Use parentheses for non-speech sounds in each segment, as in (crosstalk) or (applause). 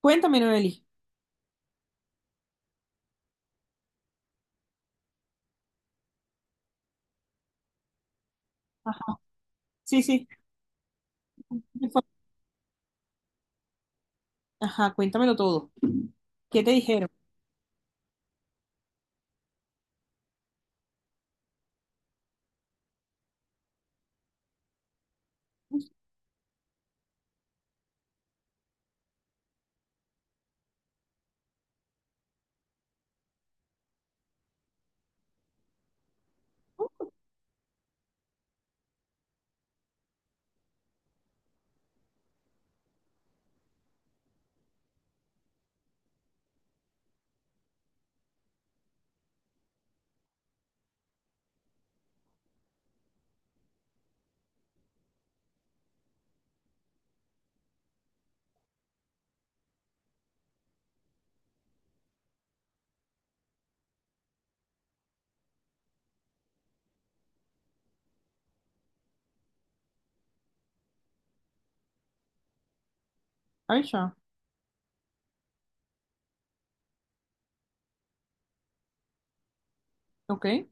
Cuéntame, Noeli. Ajá. Sí, sí. ¿Qué fue? Ajá, cuéntamelo todo. ¿Qué te dijeron? Ay, ya. Ok.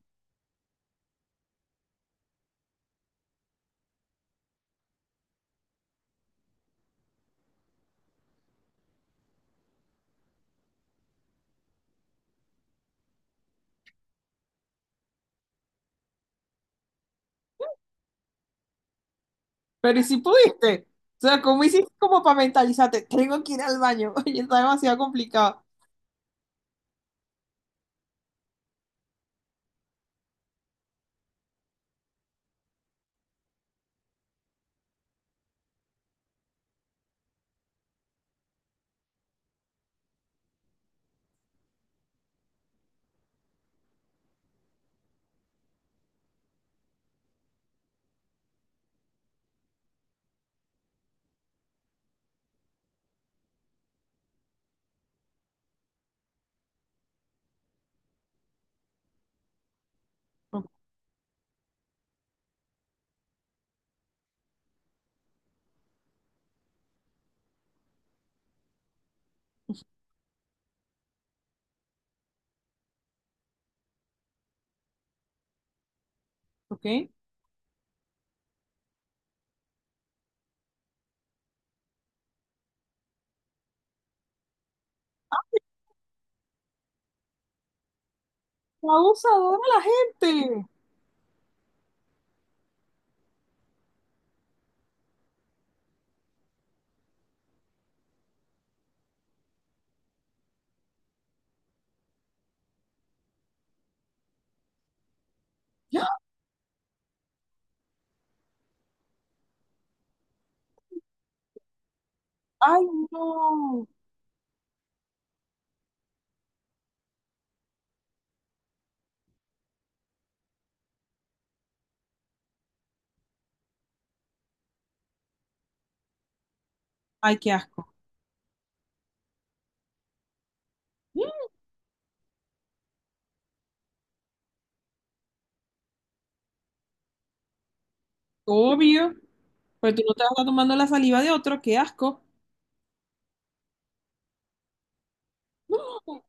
Pero ¿y si pudiste? O sea, ¿cómo hiciste como para mentalizarte? Tengo que ir al baño. (laughs) Oye, está demasiado complicado. O- Ok. Abusadora la gente. Ya. Ay, no. Ay, qué asco. Mm. Obvio. Pero tú no te vas a estar tomando la saliva de otro. Qué asco. No.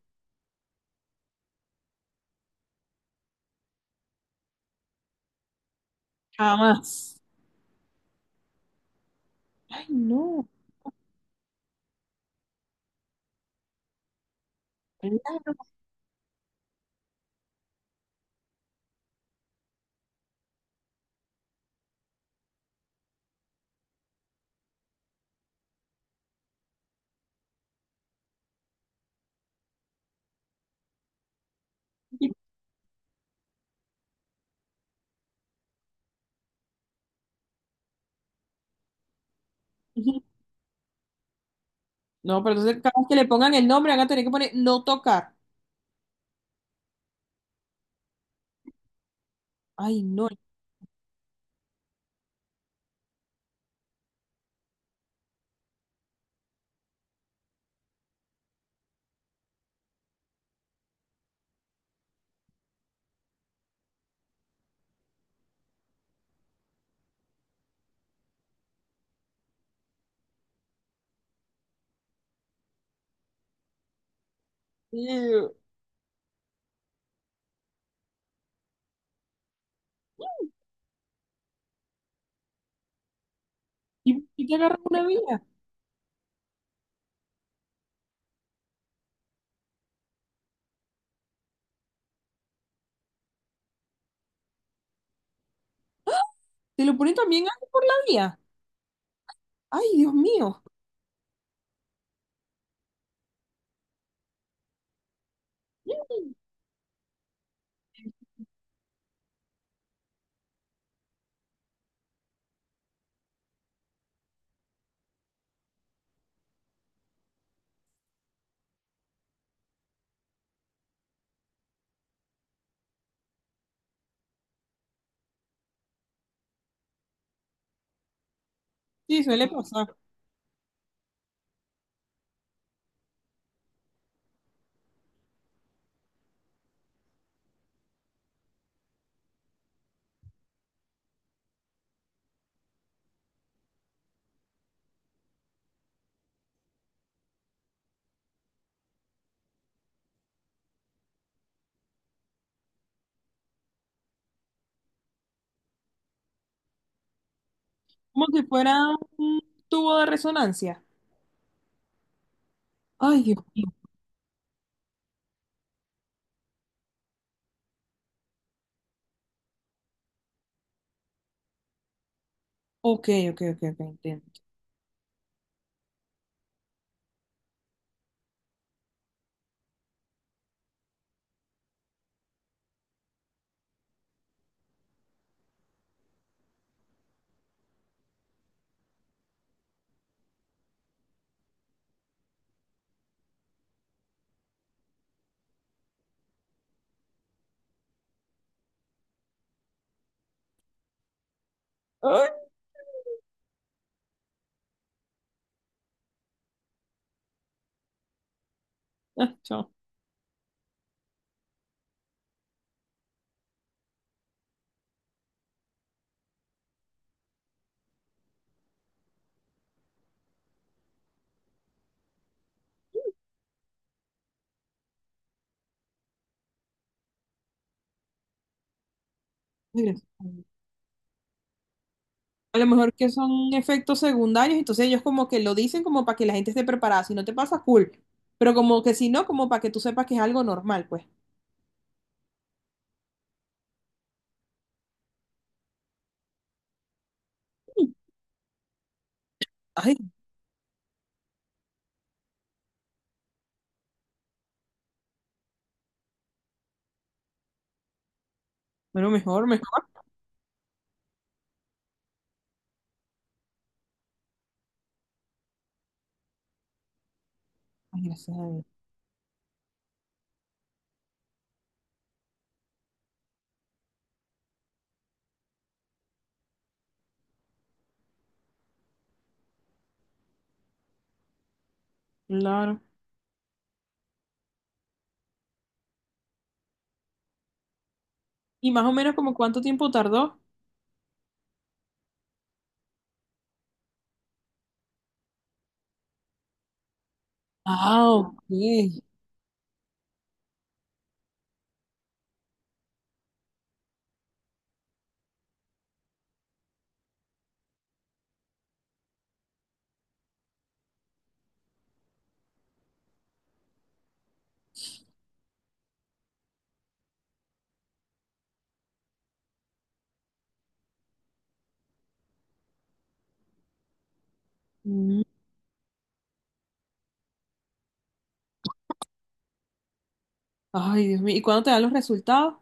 Jamás. Ay, no. Claro. (laughs) No, pero entonces cada vez que le pongan el nombre van a tener que poner no tocar. Ay, no. Dios. ¿Y por qué te agarran una vía? ¿Te lo ponen también ahí por la vía? Ay, Dios mío. Sí, suele pasar. Como si fuera un tubo de resonancia. Ay, Dios. Ok, ok, ok, ok, entiendo. Ay, ah, chao. Regreso. A lo mejor que son efectos secundarios, entonces ellos como que lo dicen como para que la gente esté preparada. Si no te pasa, cool. Pero como que si no, como para que tú sepas que es algo normal, pues. Ay, pero mejor, mejor. Ay, gracias a Dios. Claro. ¿Y más o menos como cuánto tiempo tardó? Ah, ok. Mm. Ay, Dios mío. ¿Y cuándo te dan los resultados?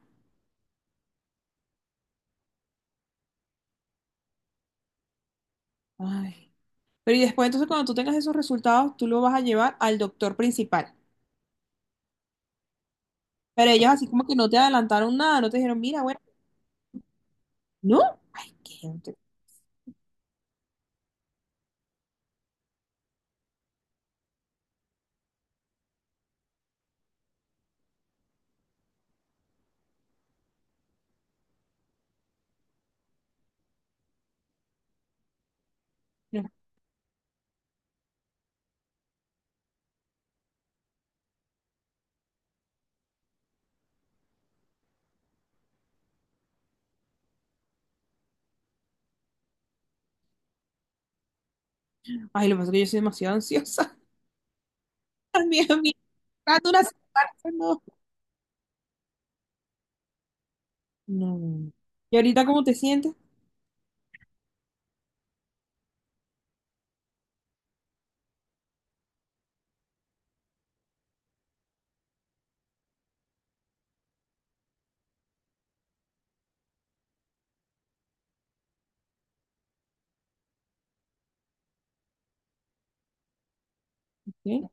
Ay. Pero y después, entonces, cuando tú tengas esos resultados, tú lo vas a llevar al doctor principal. Pero ellos así como que no te adelantaron nada, no te dijeron, mira, bueno, no. Ay, qué. No te- no. Ay, lo que pasa es que yo soy demasiado ansiosa. (laughs) También a tanto una semana, no. No, no, no. ¿Y ahorita cómo te sientes? Sí.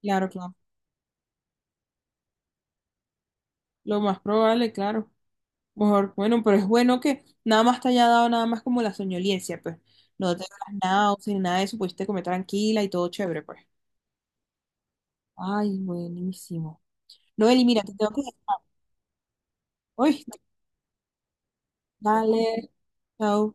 Claro, claro. Lo más probable, claro. Por- bueno, pero es bueno que nada más te haya dado nada más como la soñolencia, pues. No te dio náuseas ni nada de eso, pudiste comer tranquila y todo chévere, pues. Ay, buenísimo. Noeli, mira, te tengo que dejar. Uy, dale. Chao.